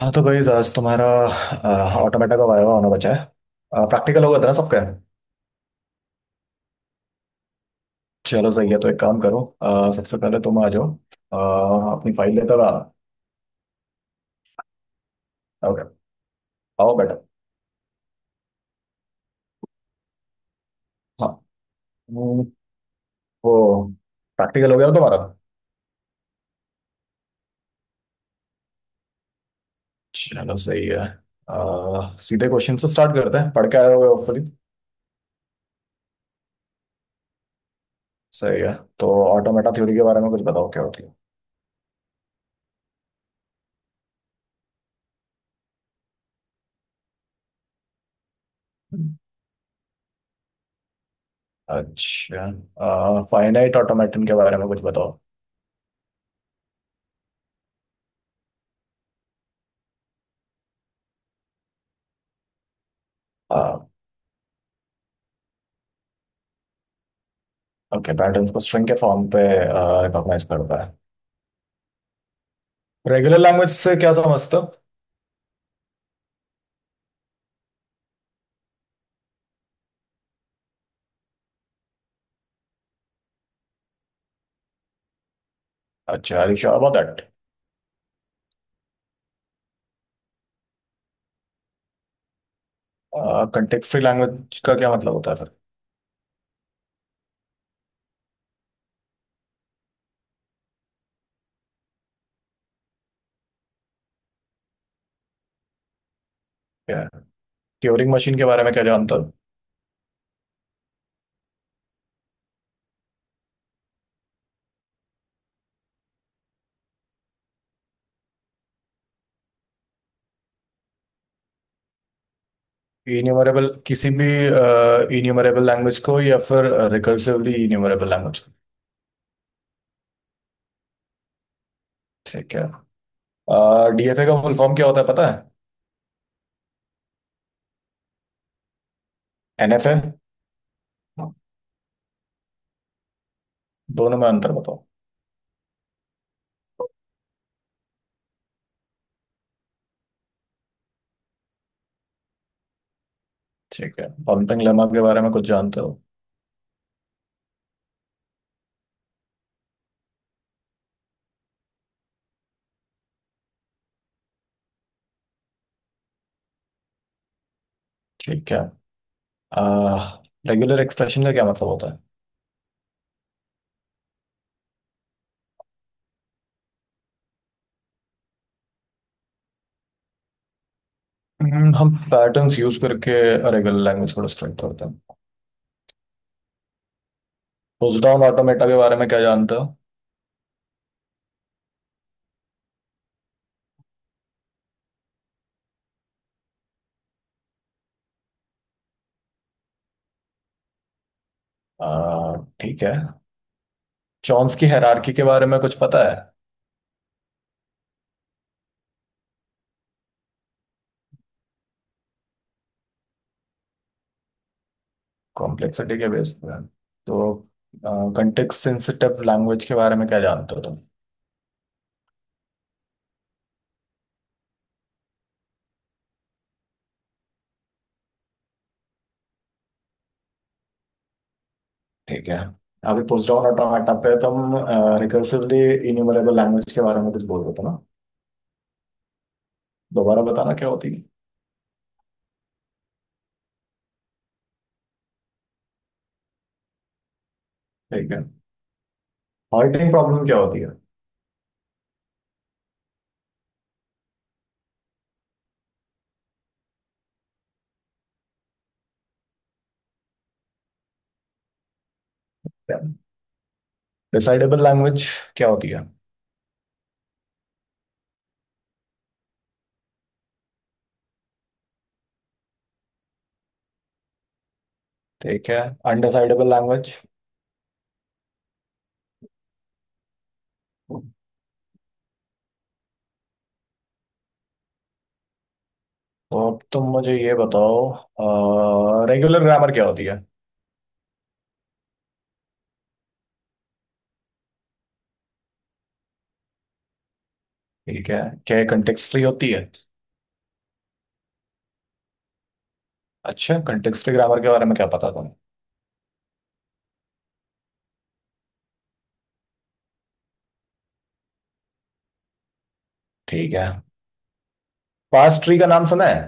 हाँ, तो भाई आज तुम्हारा ऑटोमेटा का वायवा होना बचा है। प्रैक्टिकल होगा था ना सबका। चलो सही है, तो एक काम करो, सबसे पहले तुम आ जाओ। अ, अपनी फाइल लेकर आना। ओके। आओ बेटा। हाँ। हम्म, वो प्रैक्टिकल हो गया ना तुम्हारा। चलो सही है। सीधे क्वेश्चन से स्टार्ट करते हैं, पढ़ के आए होगे होपफुली। सही है। तो ऑटोमेटा थ्योरी के बारे में कुछ बताओ, क्या होती है। अच्छा, फाइनाइट ऑटोमेटन के बारे में कुछ बताओ। ओके, पैटर्न्स को स्ट्रिंग के फॉर्म पे रिकॉग्नाइज करता है। रेगुलर लैंग्वेज से क्या समझते हो। अच्छा, are you sure about that. Context free language का क्या मतलब होता है सर। क्या है, ट्यूरिंग मशीन के बारे में क्या जानते हो। इन्यूमरेबल किसी भी इन्यूमरेबल लैंग्वेज को, या फिर रिकर्सिवली इन्यूमरेबल लैंग्वेज को। ठीक है, डीएफए का फुल फॉर्म क्या होता है पता है। एनएफए, दोनों में अंतर बताओ। ठीक है, पॉन्टिंग लेमा के बारे में कुछ जानते हो। ठीक है, रेगुलर एक्सप्रेशन का क्या मतलब होता है। हम पैटर्न्स यूज करके रेगुलर लैंग्वेज को डिस्ट्रैक्ट करते हैं। पुश डाउन ऑटोमेटा के बारे में क्या जानते हो। आ, ठीक है। चॉम्स्की हायरार्की के बारे में कुछ पता है। कॉम्प्लेक्सिटी के बेस पर। तो कंटेक्स्ट सेंसिटिव लैंग्वेज के बारे में क्या जानते हो तुम। ठीक है, अभी पुश डाउन ऑटोमेटा पे तुम रिकर्सिवली इन्यूमरेबल लैंग्वेज के बारे में कुछ बोल रहे थे ना। दोबारा बताना, क्या होती है। ठीक है, हॉल्टिंग प्रॉब्लम क्या होती है। डिसाइडेबल लैंग्वेज क्या होती है। ठीक है, अनडिसाइडेबल लैंग्वेज। तो अब तुम मुझे ये बताओ, रेगुलर ग्रामर क्या होती है। ठीक है, क्या ये कंटेक्स्ट फ्री होती है। अच्छा, कंटेक्स्ट फ्री ग्रामर के बारे में क्या पता तुम्हें। ठीक है, पास्ट ट्री का नाम सुना है।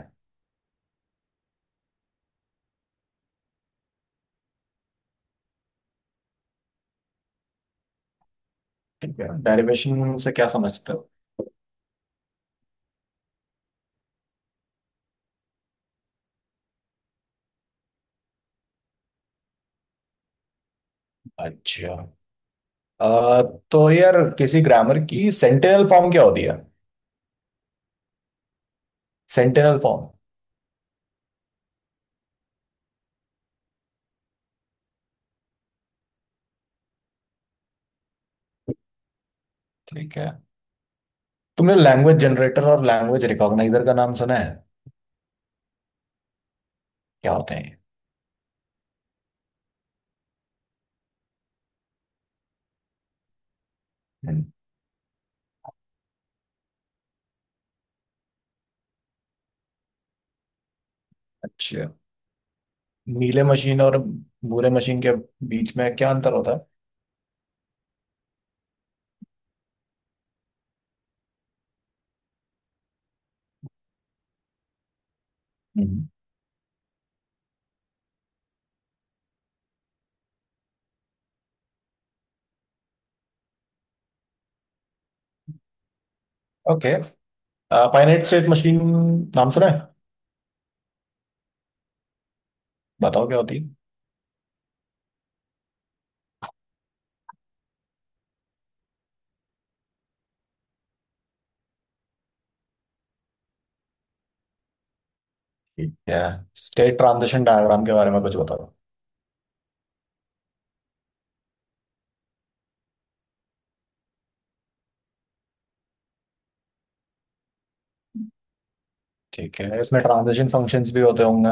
ठीक है, डेरिवेशन से क्या समझते हो। अच्छा, अ, तो यार किसी ग्रामर की सेंटेनल फॉर्म क्या होती है। Sentential form. ठीक है, तुमने लैंग्वेज जनरेटर और लैंग्वेज रिकॉग्नाइजर का नाम सुना है। क्या होते हैं ये? हम्म। अच्छा, नीले मशीन और भूरे मशीन के बीच में क्या अंतर होता है। ओके, फाइनाइट स्टेट मशीन नाम सुना है। बताओ क्या होती है। ठीक है, स्टेट ट्रांजिशन डायग्राम के बारे में कुछ बताओ। ठीक है, इसमें ट्रांजिशन फंक्शंस भी होते होंगे।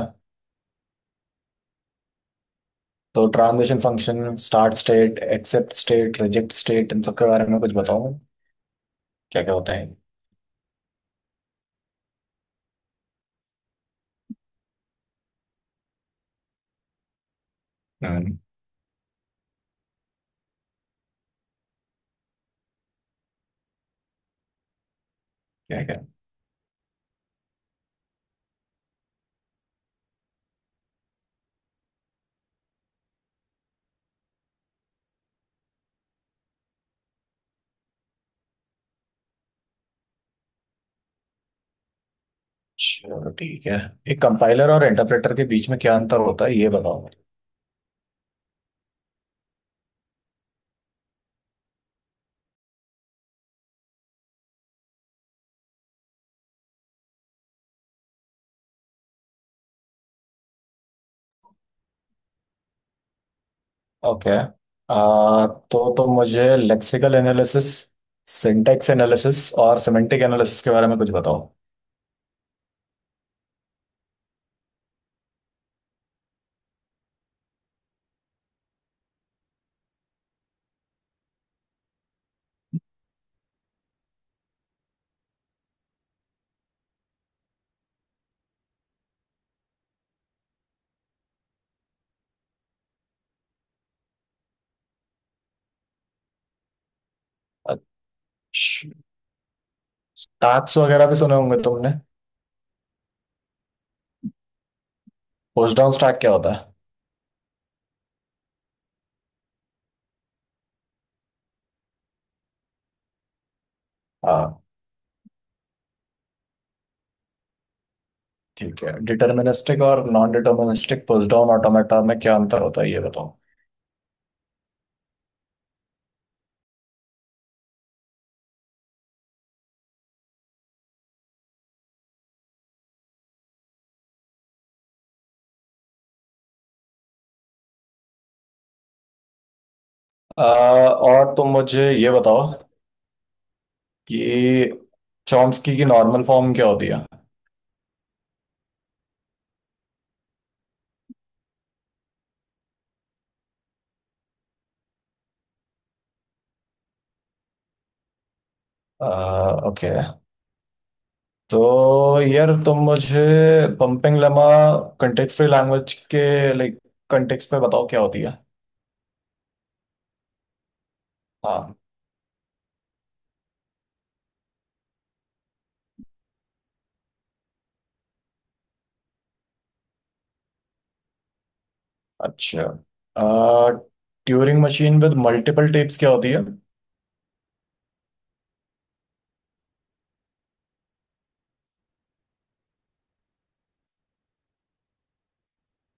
तो transition function, start state, accept state, reject state, इन सब के बारे में कुछ बताओ। क्या क्या होता है। हम्म, क्या क्या। चलो ठीक है, एक कंपाइलर और इंटरप्रेटर के बीच में क्या अंतर होता है ये बताओ। ओके आ, तो मुझे लेक्सिकल एनालिसिस, सिंटैक्स एनालिसिस और सिमेंटिक एनालिसिस के बारे में कुछ बताओ। अच्छा, स्टैक्स वगैरह भी सुने होंगे तुमने। पुशडाउन स्टैक क्या होता है। हाँ। ठीक है, डिटर्मिनिस्टिक और नॉन डिटर्मिनिस्टिक पुशडाउन ऑटोमेटा में क्या अंतर होता है ये बताओ। और तुम मुझे ये बताओ कि चॉम्स्की की नॉर्मल फॉर्म क्या होती है। ओके, तो यार तुम मुझे pumping lemma context free language के, लाइक, कंटेक्स्ट पे बताओ क्या होती है। हाँ। अच्छा, Turing machine with multiple tapes क्या होती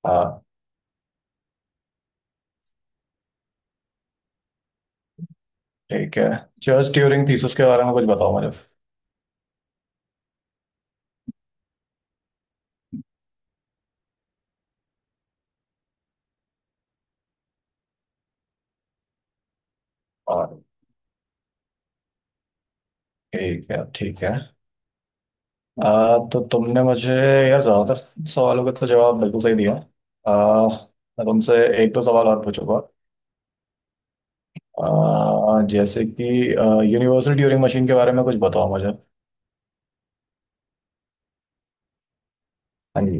है। ठीक है, जस्ट ड्यूरिंग थीसिस के बारे में कुछ बताओ मुझे। और ठीक है, ठीक है आ, तो तुमने मुझे यार ज्यादातर सवालों के तो जवाब बिल्कुल सही दिया। आ, मैं तुमसे एक दो सवाल और पूछूंगा। आ, जैसे कि यूनिवर्सल ट्यूरिंग मशीन के बारे में कुछ बताओ मुझे। हाँ जी।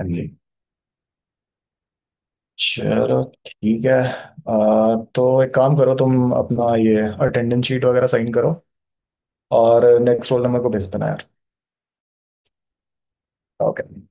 हाँ जी, चलो ठीक है। आ, तो एक काम करो, तुम अपना ये अटेंडेंस शीट वगैरह साइन करो। और नेक्स्ट रोल नंबर को भेज देना यार। ओके।